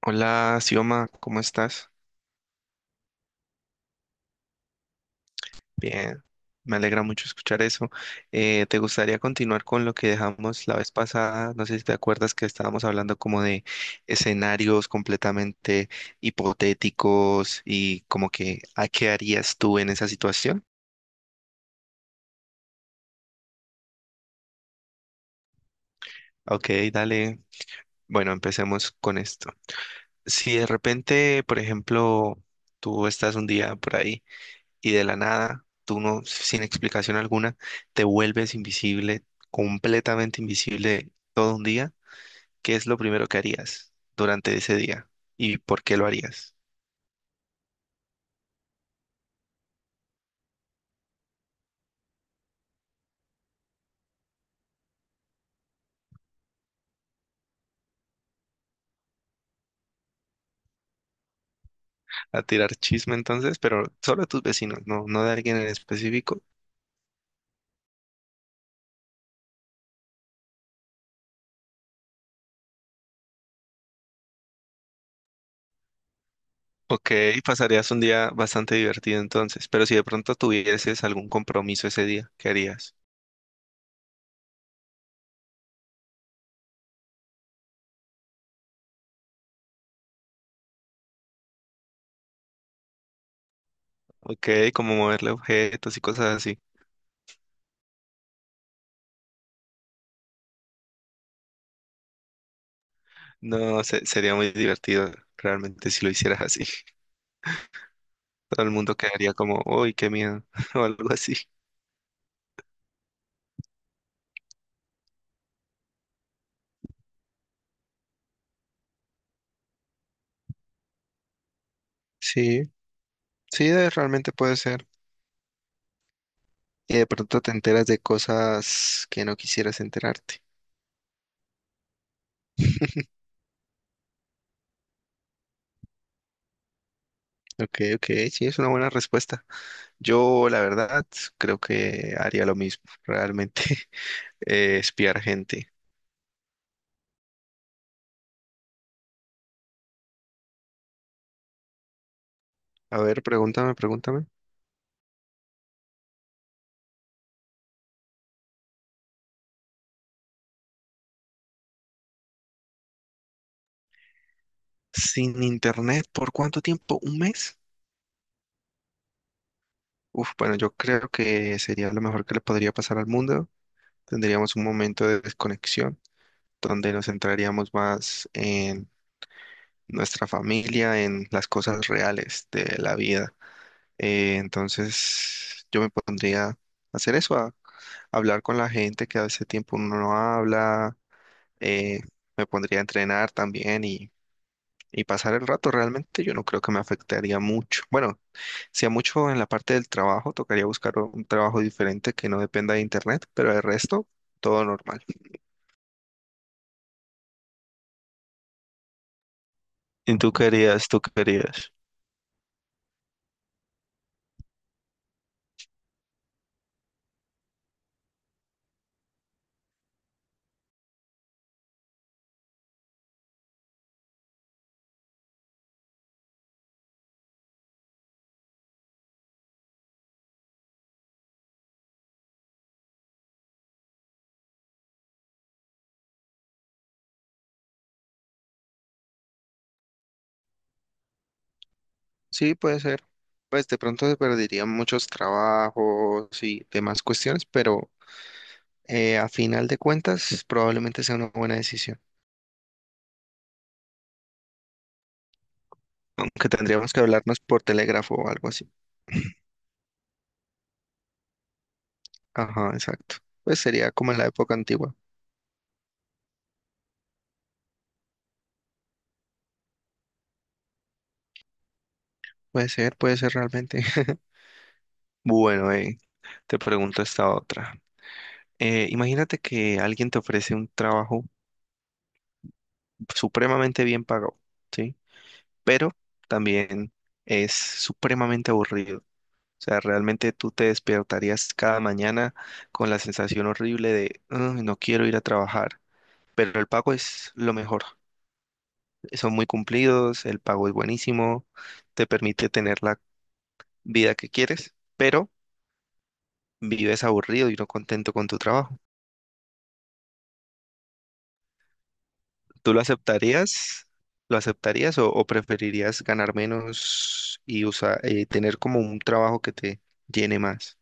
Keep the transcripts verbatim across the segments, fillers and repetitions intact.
Hola, Sioma, ¿cómo estás? Bien, me alegra mucho escuchar eso. Eh, ¿te gustaría continuar con lo que dejamos la vez pasada? No sé si te acuerdas que estábamos hablando como de escenarios completamente hipotéticos y como que ¿a qué harías tú en esa situación? Ok, dale. Bueno, empecemos con esto. Si de repente, por ejemplo, tú estás un día por ahí. Y de la nada, tú no, sin explicación alguna, te vuelves invisible, completamente invisible todo un día, ¿qué es lo primero que harías durante ese día? ¿Y por qué lo harías? ¿A tirar chisme entonces? Pero solo a tus vecinos, no, no de alguien en específico. Ok, pasarías un día bastante divertido entonces, pero si de pronto tuvieses algún compromiso ese día, ¿qué harías? Ok, como moverle objetos y cosas así. No, se- sería muy divertido realmente si lo hicieras así. Todo el mundo quedaría como, uy, qué miedo, o algo así. Sí, sí, de- realmente puede ser. Y de pronto te enteras de cosas que no quisieras enterarte. Ok, ok, sí, es una buena respuesta. Yo, la verdad, creo que haría lo mismo, realmente. Eh, espiar gente. A ver, pregúntame, pregúntame. ¿Sin internet por cuánto tiempo? ¿Un mes? Uf, bueno, yo creo que sería lo mejor que le podría pasar al mundo. Tendríamos un momento de desconexión donde nos centraríamos más nuestra familia en las cosas reales de la vida. Eh, entonces yo me pondría a hacer eso, a hablar con la gente que hace tiempo uno no habla, eh, me pondría a entrenar también y, y pasar el rato. Realmente yo no creo que me afectaría mucho. Bueno, si a mucho en la parte del trabajo, tocaría buscar un trabajo diferente que no dependa de internet, pero el resto, todo normal. ¿Y tú querías, tú querías? Sí, puede ser. Pues de pronto se perderían muchos trabajos y demás cuestiones, pero eh, a final de cuentas probablemente sea una buena decisión, aunque tendríamos que hablarnos por telégrafo o algo así. Ajá, exacto. Pues sería como en la época antigua. Puede ser, puede ser realmente. Bueno, eh, te pregunto esta otra. Eh, imagínate que alguien te ofrece un trabajo supremamente bien pagado, ¿sí? Pero también es supremamente aburrido. O sea, realmente tú te despertarías cada mañana con la sensación horrible de, "Ay, no quiero ir a trabajar, pero el pago es lo mejor. Son muy cumplidos, el pago es buenísimo, te permite tener la vida que quieres, pero vives aburrido y no contento con tu trabajo". ¿Tú lo aceptarías? ¿Lo aceptarías o, o preferirías ganar menos y usa- eh, tener como un trabajo que te llene más?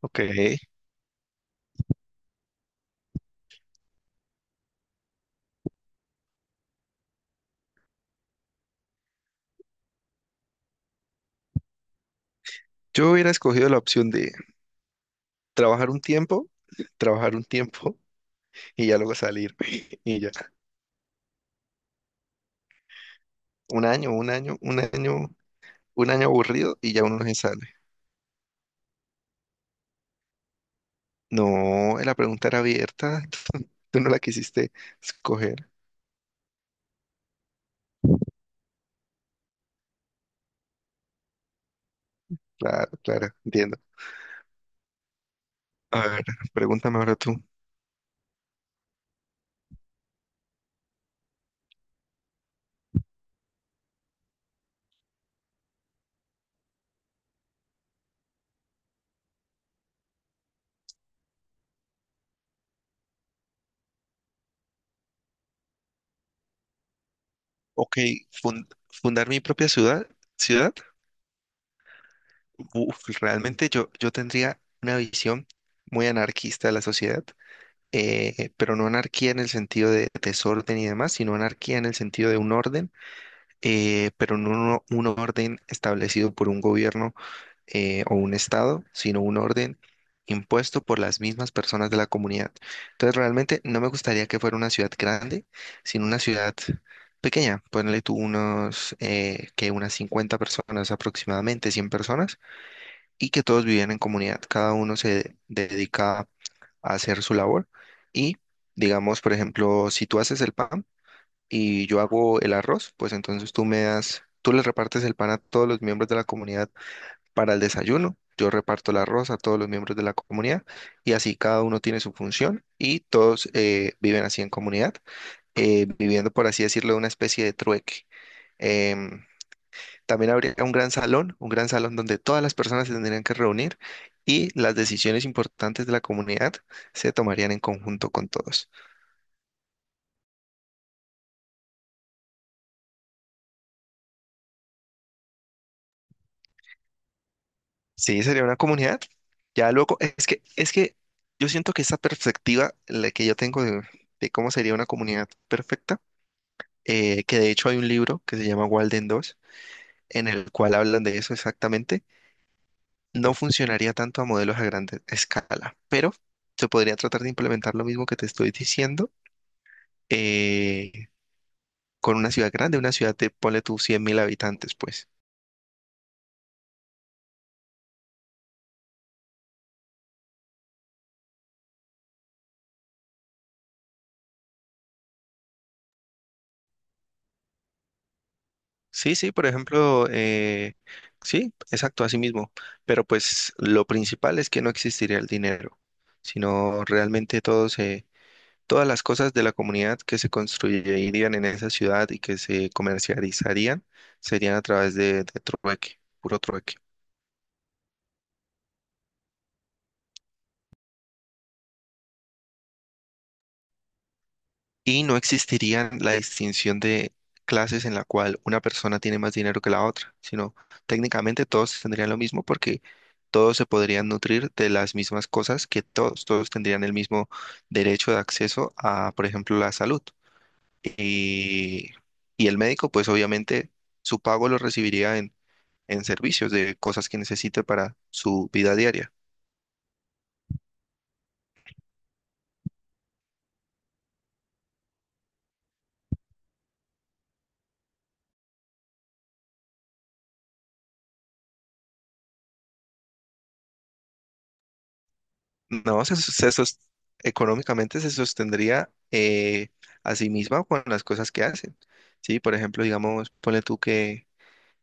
Ok, yo hubiera escogido la opción D. Trabajar un tiempo, trabajar un tiempo y ya luego salir. Y ya. Un año, un año, un año, un año aburrido y ya uno no se sale. No, la pregunta era abierta. Tú no la quisiste escoger. Claro, claro, entiendo. A ver, pregúntame ahora tú. Ok, fun- fundar mi propia ciudad, ciudad. Uf, realmente yo, yo tendría una visión muy anarquista de la sociedad, eh, pero no anarquía en el sentido de desorden y demás, sino anarquía en el sentido de un orden eh, pero no uno- un, orden establecido por un gobierno eh, o un estado, sino un orden impuesto por las mismas personas de la comunidad. Entonces, realmente no me gustaría que fuera una ciudad grande, sino una ciudad pequeña. Ponle tú unos, eh, que unas cincuenta personas aproximadamente, cien personas, y que todos vivían en comunidad. Cada uno se dedica a hacer su labor y, digamos, por ejemplo, si tú haces el pan, y yo hago el arroz, pues entonces tú me das, tú le repartes el pan a todos los miembros de la comunidad para el desayuno, yo reparto el arroz a todos los miembros de la comunidad y así cada uno tiene su función y todos eh, viven así en comunidad, eh, viviendo por así decirlo una especie de trueque. Em, También habría un gran salón, un gran salón donde todas las personas se tendrían que reunir y las decisiones importantes de la comunidad se tomarían en conjunto con todos. Sí, sería una comunidad. Ya luego, es que, es que yo siento que esa perspectiva la que yo tengo de, de, cómo sería una comunidad perfecta, eh, que de hecho hay un libro que se llama Walden dos, en el cual hablan de eso exactamente, no funcionaría tanto a modelos a gran escala, pero se podría tratar de implementar lo mismo que te estoy diciendo eh, con una ciudad grande, una ciudad de, ponle tú, cien mil habitantes, pues. Sí, sí, por ejemplo, eh, sí, exacto, así mismo. Pero pues lo principal es que no existiría el dinero, sino realmente todo se- todas las cosas de la comunidad que se construirían en esa ciudad y que se comercializarían serían a través de, de, trueque, puro trueque. Y no existiría la distinción de clases en la cual una persona tiene más dinero que la otra, sino técnicamente todos tendrían lo mismo porque todos se podrían nutrir de las mismas cosas que todos, todos tendrían el mismo derecho de acceso a, por ejemplo, la salud. Y, y el médico, pues obviamente su pago lo recibiría en, en servicios de cosas que necesite para su vida diaria. No, se, se sos- económicamente se sostendría eh, a sí misma con las cosas que hacen. Sí, por ejemplo, digamos, ponle tú que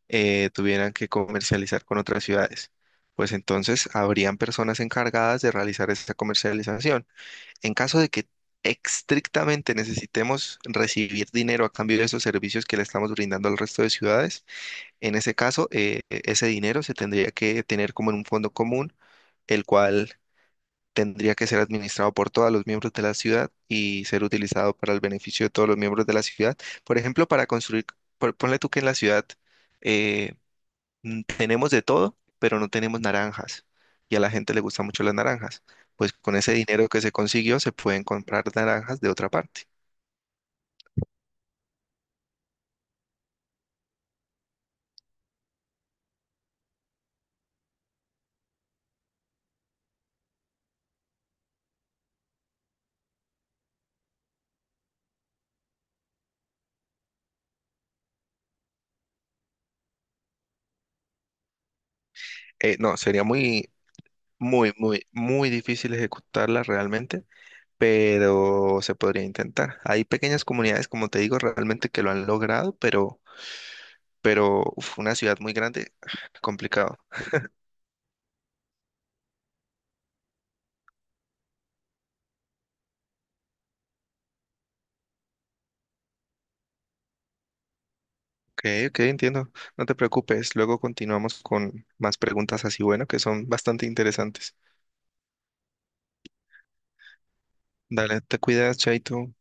eh, tuvieran que comercializar con otras ciudades. Pues entonces habrían personas encargadas de realizar esta comercialización. En caso de que estrictamente necesitemos recibir dinero a cambio de esos servicios que le estamos brindando al resto de ciudades, en ese caso, eh, ese dinero se tendría que tener como en un fondo común, el cual tendría que ser administrado por todos los miembros de la ciudad y ser utilizado para el beneficio de todos los miembros de la ciudad. Por ejemplo, para construir, por- ponle tú que en la ciudad eh, mm, tenemos de todo, pero no tenemos naranjas y a la gente le gustan mucho las naranjas. Pues con ese dinero que se consiguió se pueden comprar naranjas de otra parte. Eh, no, sería muy, muy, muy, muy difícil ejecutarla realmente, pero se podría intentar. Hay pequeñas comunidades, como te digo, realmente que lo han logrado, pero pero uf, una ciudad muy grande, complicado. Ok, ok, entiendo. No te preocupes. Luego continuamos con más preguntas así, bueno, que son bastante interesantes. Dale, te cuidas, Chaito.